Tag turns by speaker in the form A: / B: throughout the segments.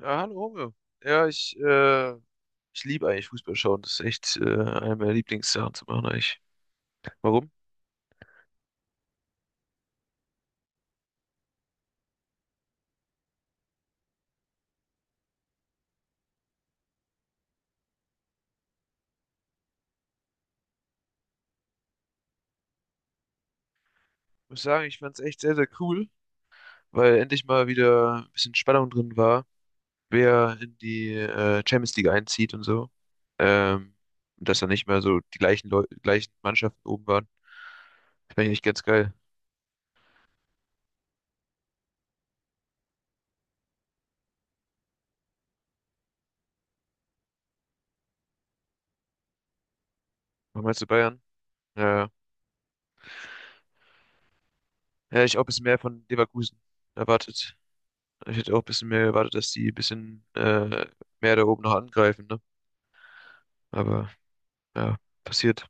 A: Ja, hallo Homö. Ja, ich, äh, Ich liebe eigentlich Fußball schauen. Das ist echt eine meiner Lieblingssachen zu machen eigentlich. Warum? Ich muss sagen, ich fand es echt sehr, sehr cool, weil endlich mal wieder ein bisschen Spannung drin war, wer in die Champions League einzieht und so. Ähm, und dass dann nicht mehr so die gleichen Mannschaften oben waren. Das fand ich echt ganz geil. Was meinst du Bayern? Ja, hätte ich auch ein bisschen mehr von Leverkusen erwartet. Ich hätte auch ein bisschen mehr erwartet, dass die ein bisschen mehr da oben noch angreifen, ne? Aber. Ja, passiert.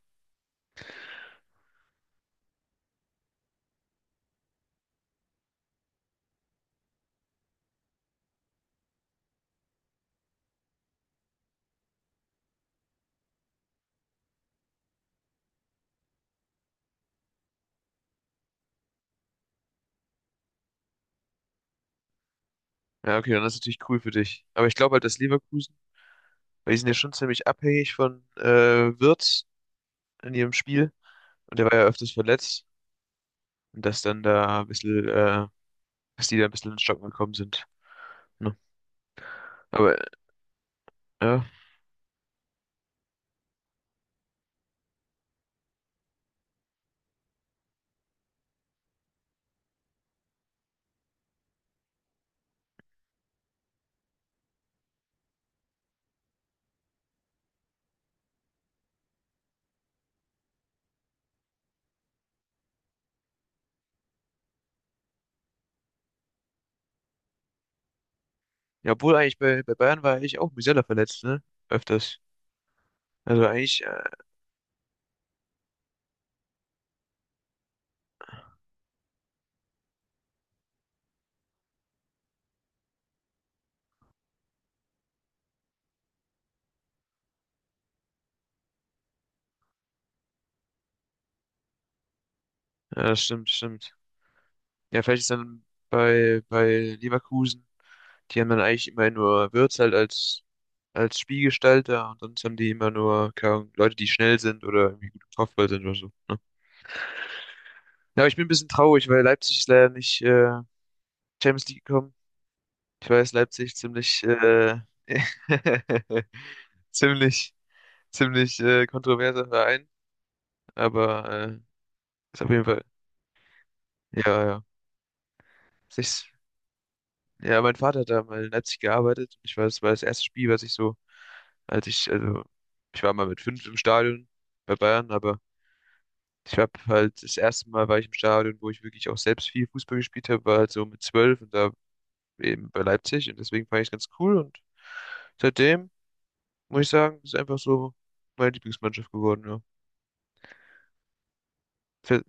A: Ja, okay, dann ist natürlich cool für dich. Aber ich glaube halt, dass Leverkusen, weil die sind ja schon ziemlich abhängig von Wirtz in ihrem Spiel. Und der war ja öfters verletzt. Und dass dann da ein bisschen, dass die da ein bisschen ins Stocken gekommen sind. Ne? Aber ja, ja, obwohl eigentlich bei Bayern war eigentlich auch Musiala verletzt, ne? Öfters. Also eigentlich, ja, das stimmt. Ja, vielleicht ist dann bei Leverkusen, die haben dann eigentlich immer nur Wirtz halt als Spielgestalter und sonst haben die immer nur, keine Ahnung, Leute, die schnell sind oder irgendwie gut im Kopfball sind oder so. Ne? Ja, aber ich bin ein bisschen traurig, weil Leipzig ist leider nicht Champions League gekommen. Ich weiß, Leipzig ziemlich, ziemlich kontroverser Verein, aber ist auf jeden Fall, ja, ja. Sich Ja, mein Vater hat da mal in Leipzig gearbeitet. Ich weiß, es war das erste Spiel, was ich so, als ich, also, ich war mal mit fünf im Stadion bei Bayern, aber ich habe halt, das erste Mal war ich im Stadion, wo ich wirklich auch selbst viel Fußball gespielt habe, war halt so mit zwölf und da eben bei Leipzig und deswegen fand ich es ganz cool und seitdem, muss ich sagen, ist einfach so meine Lieblingsmannschaft geworden, ja. Fe-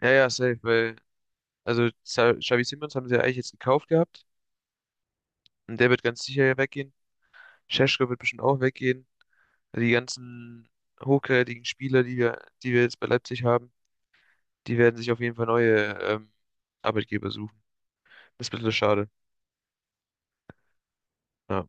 A: Ja, ja, safe, weil, also, Xavi Simons haben sie ja eigentlich jetzt gekauft gehabt und der wird ganz sicher ja weggehen. Šeško wird bestimmt auch weggehen. Die ganzen hochkarätigen Spieler, die wir jetzt bei Leipzig haben, die werden sich auf jeden Fall neue Arbeitgeber suchen. Das ist ein bisschen schade. Ja.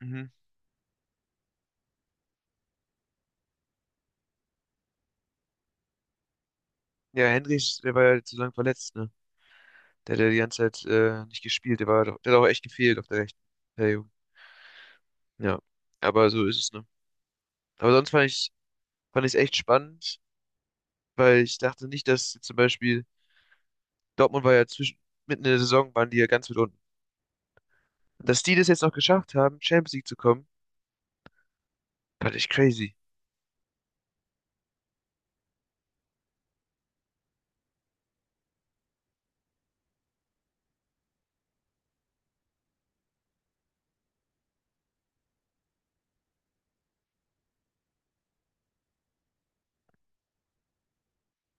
A: Mhm. Ja, Henrich, der war ja zu lang verletzt, ne? Der hat ja die ganze Zeit nicht gespielt. Der der hat auch echt gefehlt auf der rechten. Der Ja. Aber so ist es, ne? Aber sonst fand ich es echt spannend, weil ich dachte nicht, dass zum Beispiel Dortmund war ja zwischen, mitten in der Saison waren die ja ganz weit unten. Und dass die das jetzt noch geschafft haben, Champions League zu kommen, fand ich crazy.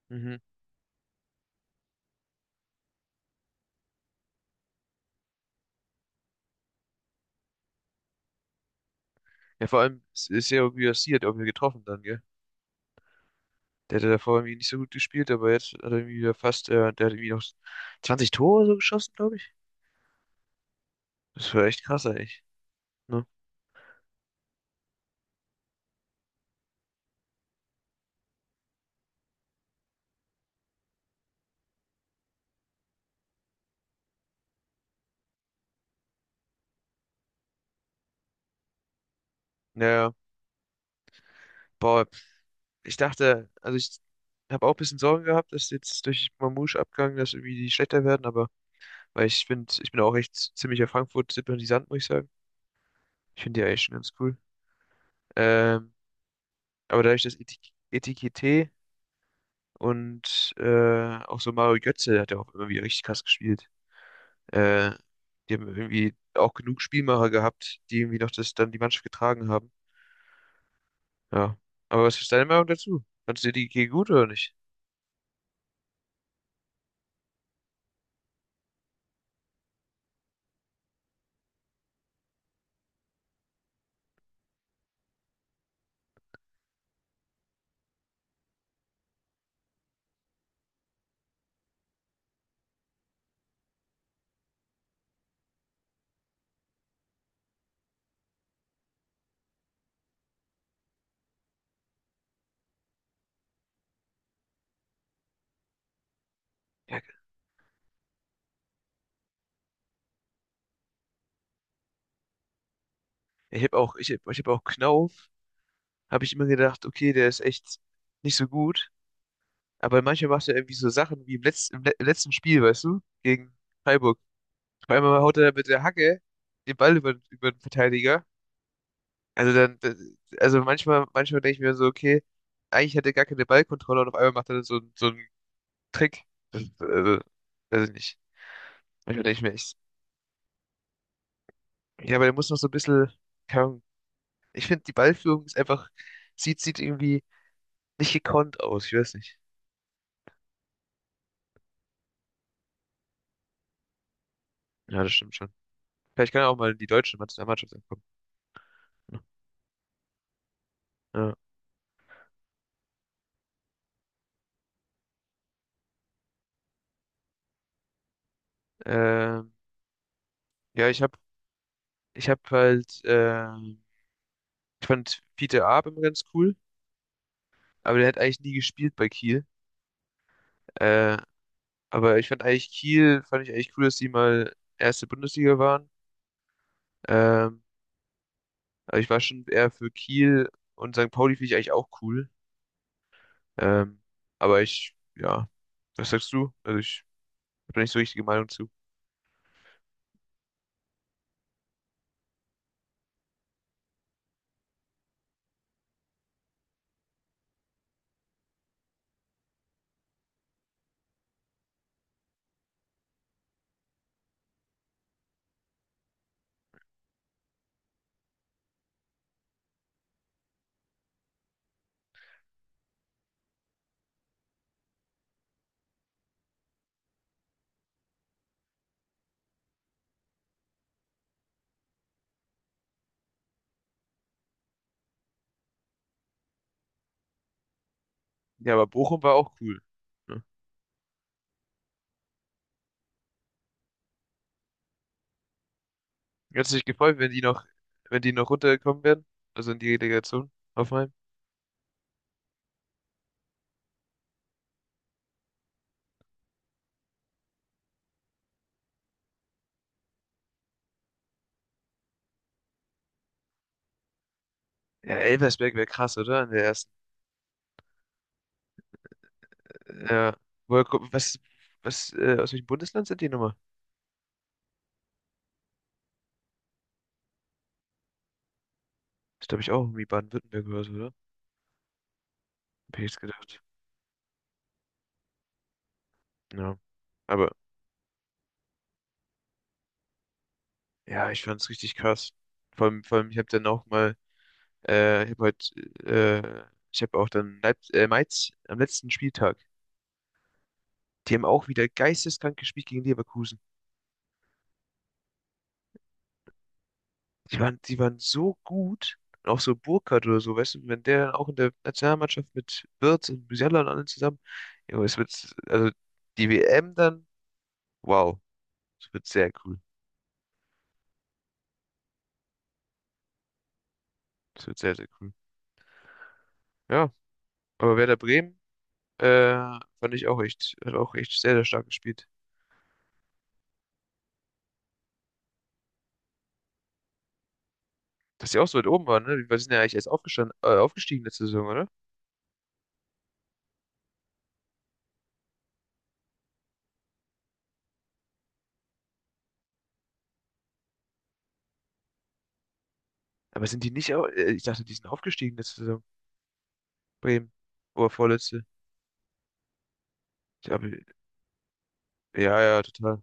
A: Mhm. Ja, vor allem es ist ja irgendwie passiert, irgendwie getroffen dann, gell? Der hatte davor irgendwie nicht so gut gespielt, aber jetzt hat er irgendwie wieder der hat irgendwie noch 20 Tore so geschossen, glaube ich. Das war echt krass eigentlich. Ne? Naja, boah, ich dachte, also ich habe auch ein bisschen Sorgen gehabt, dass jetzt durch Mamouche Abgang, dass irgendwie die schlechter werden, aber weil ich finde, ich bin auch echt ziemlicher Frankfurt-Sympathisant, muss ich sagen. Ich finde die eigentlich schon ganz cool. Ähm, aber dadurch, dass Etikette und auch so Mario Götze hat ja auch immer wieder richtig krass gespielt. Äh, Die haben irgendwie auch genug Spielmacher gehabt, die irgendwie noch das dann die Mannschaft getragen haben. Ja. Aber was ist deine Meinung dazu? Fandst du die G gut oder nicht? Ja, ich hab auch Knauf, habe ich immer gedacht, okay, der ist echt nicht so gut. Aber manchmal macht er irgendwie so Sachen wie im letzten Spiel, weißt du, gegen Freiburg. Auf einmal haut er mit der Hacke den Ball über den Verteidiger. Also dann, das- also manchmal denke ich mir so, okay, eigentlich hat er gar keine Ballkontrolle und auf einmal macht er so einen Trick. Das, weiß ich nicht. Manchmal denke ich mir echt, ja, aber der muss noch so ein bisschen, keine Ahnung. Ich finde, die Ballführung ist einfach, sieht irgendwie nicht gekonnt aus. Ich weiß nicht. Ja, das stimmt schon. Vielleicht kann er auch mal die deutsche Nationalmannschaft ankommen. Ja, ähm, ja, ich hab halt, ich fand Fiete Aab immer ganz cool, aber der hat eigentlich nie gespielt bei Kiel. Äh, aber ich fand eigentlich Kiel, fand ich eigentlich cool, dass die mal erste Bundesliga waren. Ähm, Aber ich war schon eher für Kiel und St. Pauli finde ich eigentlich auch cool. Ähm, aber ich, ja, was sagst du? Also ich habe da nicht so richtige Meinung zu. Ja, aber Bochum war auch cool. Ja. Hättest du dich gefreut, wenn die wenn die noch runtergekommen wären? Also in die Relegation, Hoffenheim? Ja, Elversberg wäre krass, oder? In der ersten. Ja. Woher, ko- was, aus welchem Bundesland sind die nochmal? Das glaube ich auch irgendwie Baden-Württemberg oder so, oder? Hab ich jetzt gedacht. Ja. Aber ja, ich fand's richtig krass. Vor allem, ich habe dann auch mal. Äh, ich habe heute, äh, ich habe auch dann Leip Mainz am letzten Spieltag. Die haben auch wieder geisteskrank gespielt gegen Leverkusen. Die waren so gut. Und auch so Burkhardt oder so, weißt du, wenn der dann auch in der Nationalmannschaft mit Wirtz und Musiala und allen zusammen, ja, es wird, also die WM dann, wow, es wird sehr cool. Es wird sehr, sehr cool. Ja, aber Werder Bremen, äh, fand ich auch echt, hat auch echt sehr, sehr stark gespielt. Dass sie auch so weit oben waren, ne? Wir sind ja eigentlich erst aufgestiegen letzte Saison, oder? Aber sind die nicht auch? Ich dachte, die sind aufgestiegen letzte Saison. Bremen. Oder vorletzte. Ich hab, ja, ja, total.